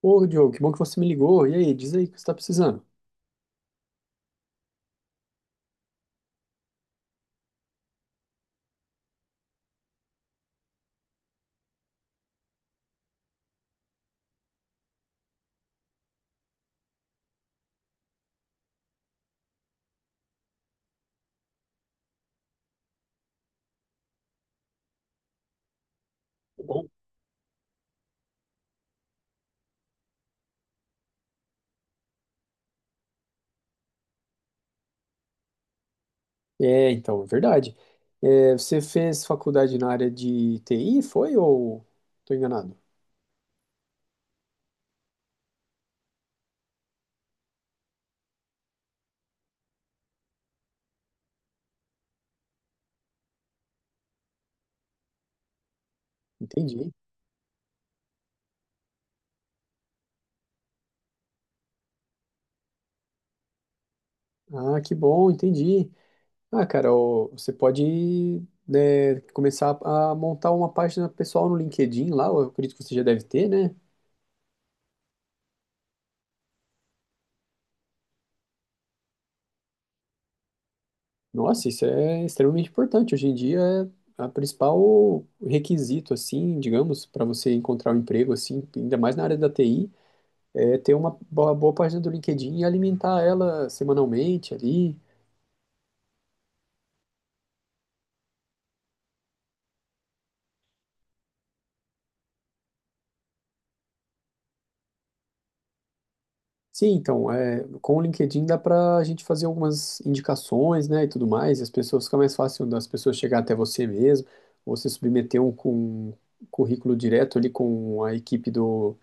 Ô, Diogo, que bom que você me ligou. E aí, diz aí o que você está precisando. É, então, é verdade. É, você fez faculdade na área de TI, foi ou estou enganado? Entendi. Ah, que bom, entendi. Ah, cara, ô, você pode, né, começar a montar uma página pessoal no LinkedIn lá, eu acredito que você já deve ter, né? Nossa, isso é extremamente importante. Hoje em dia é a principal requisito, assim, digamos, para você encontrar um emprego, assim, ainda mais na área da TI. Ter uma boa, página do LinkedIn e alimentar ela semanalmente ali. Sim, então, é, com o LinkedIn dá para a gente fazer algumas indicações, né, e tudo mais, e as pessoas fica mais fácil das pessoas chegar até você mesmo, ou você submeter um currículo direto ali com a equipe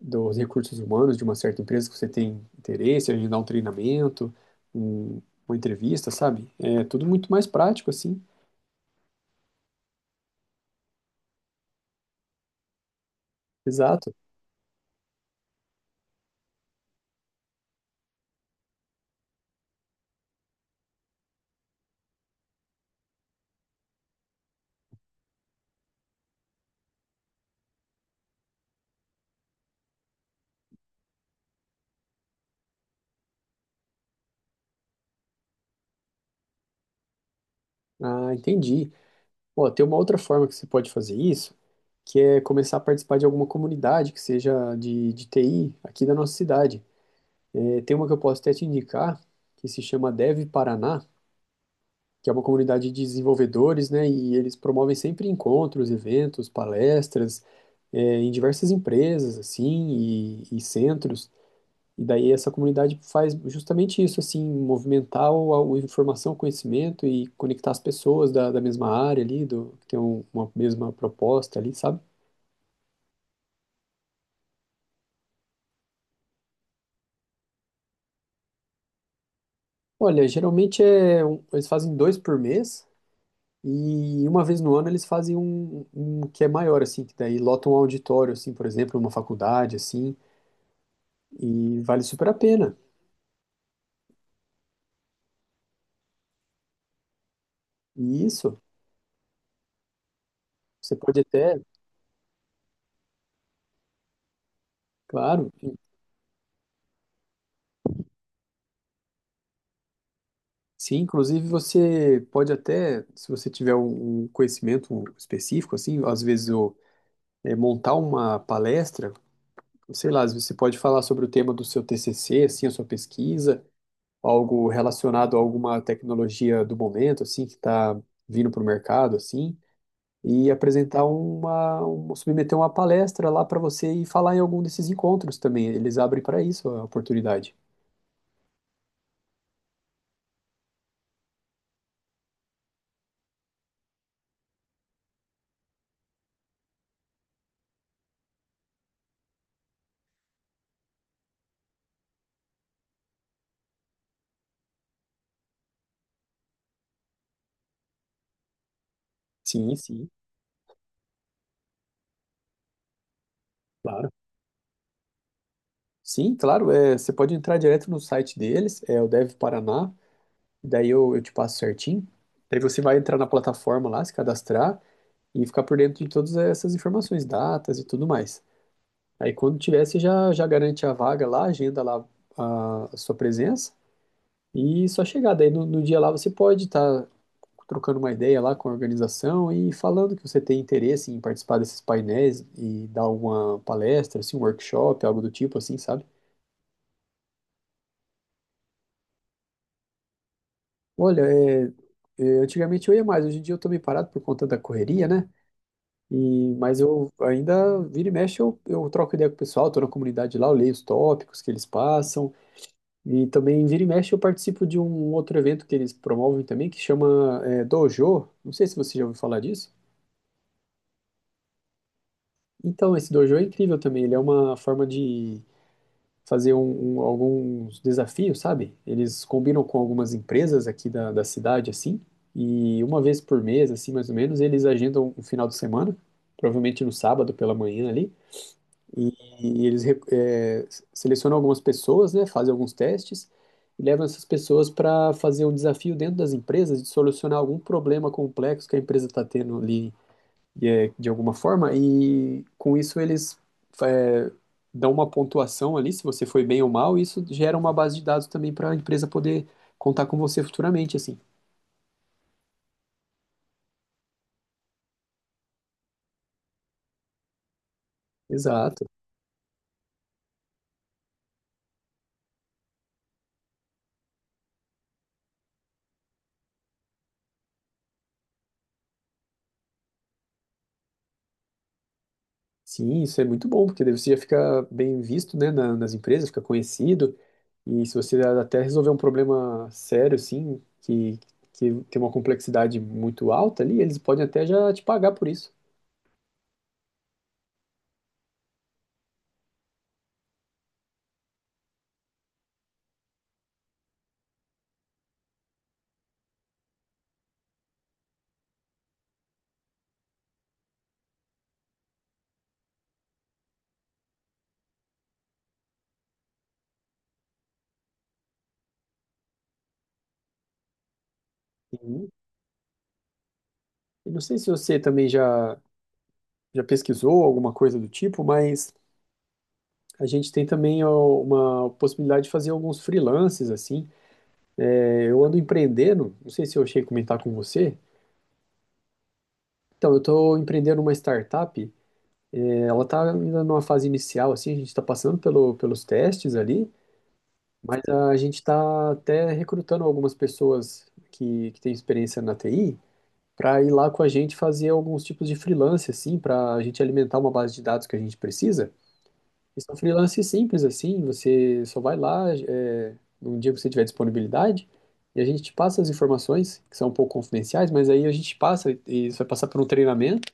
dos recursos humanos de uma certa empresa que você tem interesse, agendar um treinamento, um, uma entrevista, sabe? É tudo muito mais prático, assim. Exato. Ah, entendi. Ó, tem uma outra forma que você pode fazer isso, que é começar a participar de alguma comunidade que seja de TI aqui da nossa cidade. É, tem uma que eu posso até te indicar, que se chama Dev Paraná, que é uma comunidade de desenvolvedores, né? E eles promovem sempre encontros, eventos, palestras, em diversas empresas, assim, e centros. E daí essa comunidade faz justamente isso, assim, movimentar a informação, o conhecimento e conectar as pessoas da mesma área ali, do, que tem uma mesma proposta ali, sabe? Olha, geralmente eles fazem dois por mês e uma vez no ano eles fazem um que é maior, assim, que daí lotam um auditório, assim, por exemplo, uma faculdade, assim, e vale super a pena. E isso, você pode até, claro. Sim, inclusive você pode até, se você tiver um conhecimento específico, assim, às vezes montar uma palestra, sei lá, às vezes você pode falar sobre o tema do seu TCC, assim, a sua pesquisa, algo relacionado a alguma tecnologia do momento, assim, que está vindo para o mercado, assim, e apresentar submeter uma palestra lá para você e falar em algum desses encontros também. Eles abrem para isso a oportunidade. Sim, sim, Claro. Sim, claro, é, você pode entrar direto no site deles, é o Dev Paraná, daí eu te passo certinho. Daí você vai entrar na plataforma lá, se cadastrar e ficar por dentro de todas essas informações, datas e tudo mais. Aí quando tiver, você já garante a vaga lá, agenda lá a sua presença e só chegar. Daí no dia lá você pode estar trocando uma ideia lá com a organização e falando que você tem interesse em participar desses painéis e dar alguma palestra, assim, um workshop, algo do tipo assim, sabe? Olha, antigamente eu ia mais, hoje em dia eu tô meio parado por conta da correria, né? E, mas eu ainda, vira e mexe, eu troco ideia com o pessoal, tô na comunidade lá, eu leio os tópicos que eles passam, e também vira e mexe eu participo de um outro evento que eles promovem também, que chama Dojo, não sei se você já ouviu falar disso. Então, esse Dojo é incrível também, ele é uma forma de fazer alguns desafios, sabe? Eles combinam com algumas empresas aqui da cidade, assim, e uma vez por mês, assim, mais ou menos, eles agendam um final de semana, provavelmente no sábado pela manhã ali, e, e eles selecionam algumas pessoas, né? Fazem alguns testes e levam essas pessoas para fazer um desafio dentro das empresas de solucionar algum problema complexo que a empresa está tendo ali e é, de alguma forma, e com isso eles é, dão uma pontuação ali, se você foi bem ou mal, e isso gera uma base de dados também para a empresa poder contar com você futuramente, assim. Exato. Sim, isso é muito bom, porque daí você já fica bem visto, né, nas empresas, fica conhecido, e se você até resolver um problema sério, assim, que tem uma complexidade muito alta ali, eles podem até já te pagar por isso. Sim. E não sei se você também já pesquisou alguma coisa do tipo, mas a gente tem também ó, uma possibilidade de fazer alguns freelances, assim. É, eu ando empreendendo, não sei se eu cheguei a comentar com você. Então, eu estou empreendendo uma startup. É, ela está ainda numa fase inicial, assim, a gente está passando pelos testes ali, mas a gente está até recrutando algumas pessoas que têm experiência na TI para ir lá com a gente fazer alguns tipos de freelance, assim, para a gente alimentar uma base de dados que a gente precisa. E são freelances simples assim, você só vai lá, é, um dia que você tiver disponibilidade, e a gente te passa as informações, que são um pouco confidenciais, mas aí a gente passa, e isso vai passar por um treinamento,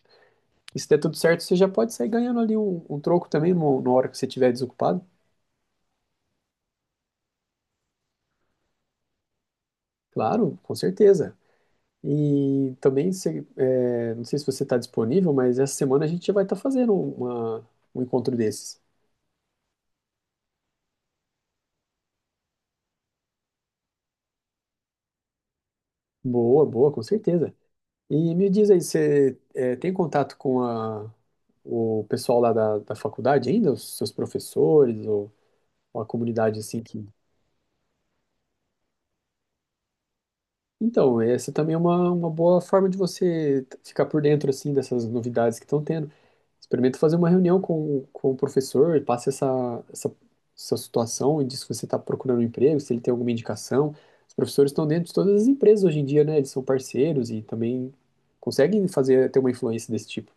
e se der tudo certo, você já pode sair ganhando ali um troco também na hora que você estiver desocupado. Claro, com certeza. E também, se, é, não sei se você está disponível, mas essa semana a gente já vai estar fazendo um encontro desses. Boa, com certeza. E me diz aí, você tem contato com a, o pessoal lá da faculdade ainda? Os seus professores ou a comunidade assim que... Então, essa também é uma boa forma de você ficar por dentro assim dessas novidades que estão tendo. Experimenta fazer uma reunião com o professor, e passe essa situação e diz que você está procurando um emprego, se ele tem alguma indicação. Os professores estão dentro de todas as empresas hoje em dia, né? Eles são parceiros e também conseguem fazer, ter uma influência desse tipo.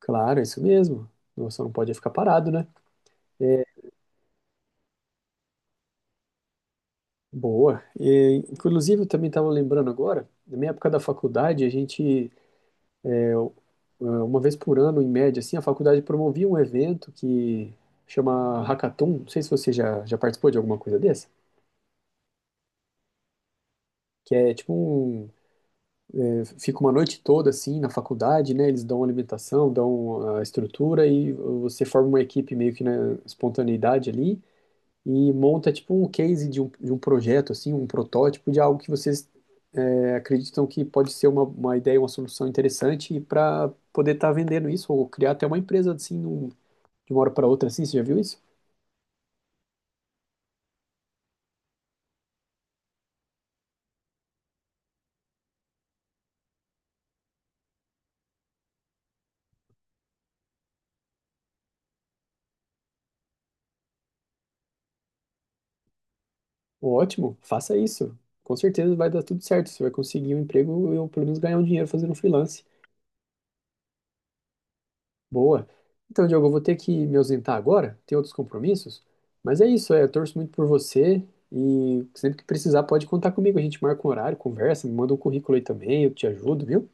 Claro, é isso mesmo. Você não pode ficar parado, né? Boa. E, inclusive, eu também estava lembrando agora, na minha época da faculdade, a gente, é, u- é, uma vez por ano, em média, assim, a faculdade promovia um evento que chama Hackathon. Não sei se você já participou de alguma coisa dessa. Que é tipo um. Fica uma noite toda, assim, na faculdade, né? Eles dão alimentação, dão a estrutura e você forma uma equipe meio que na espontaneidade ali. E monta tipo um case de um projeto, assim, um protótipo de algo que vocês acreditam que pode ser uma ideia, uma solução interessante para poder estar vendendo isso ou criar até uma empresa assim de uma hora para outra, assim, você já viu isso? Ótimo, faça isso. Com certeza vai dar tudo certo. Você vai conseguir um emprego ou pelo menos ganhar um dinheiro fazendo freelance. Boa. Então, Diogo, eu vou ter que me ausentar agora, tenho outros compromissos, mas é isso, é, eu torço muito por você e sempre que precisar pode contar comigo, a gente marca um horário, conversa, me manda um currículo aí também, eu te ajudo, viu?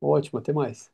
Ótimo, até mais.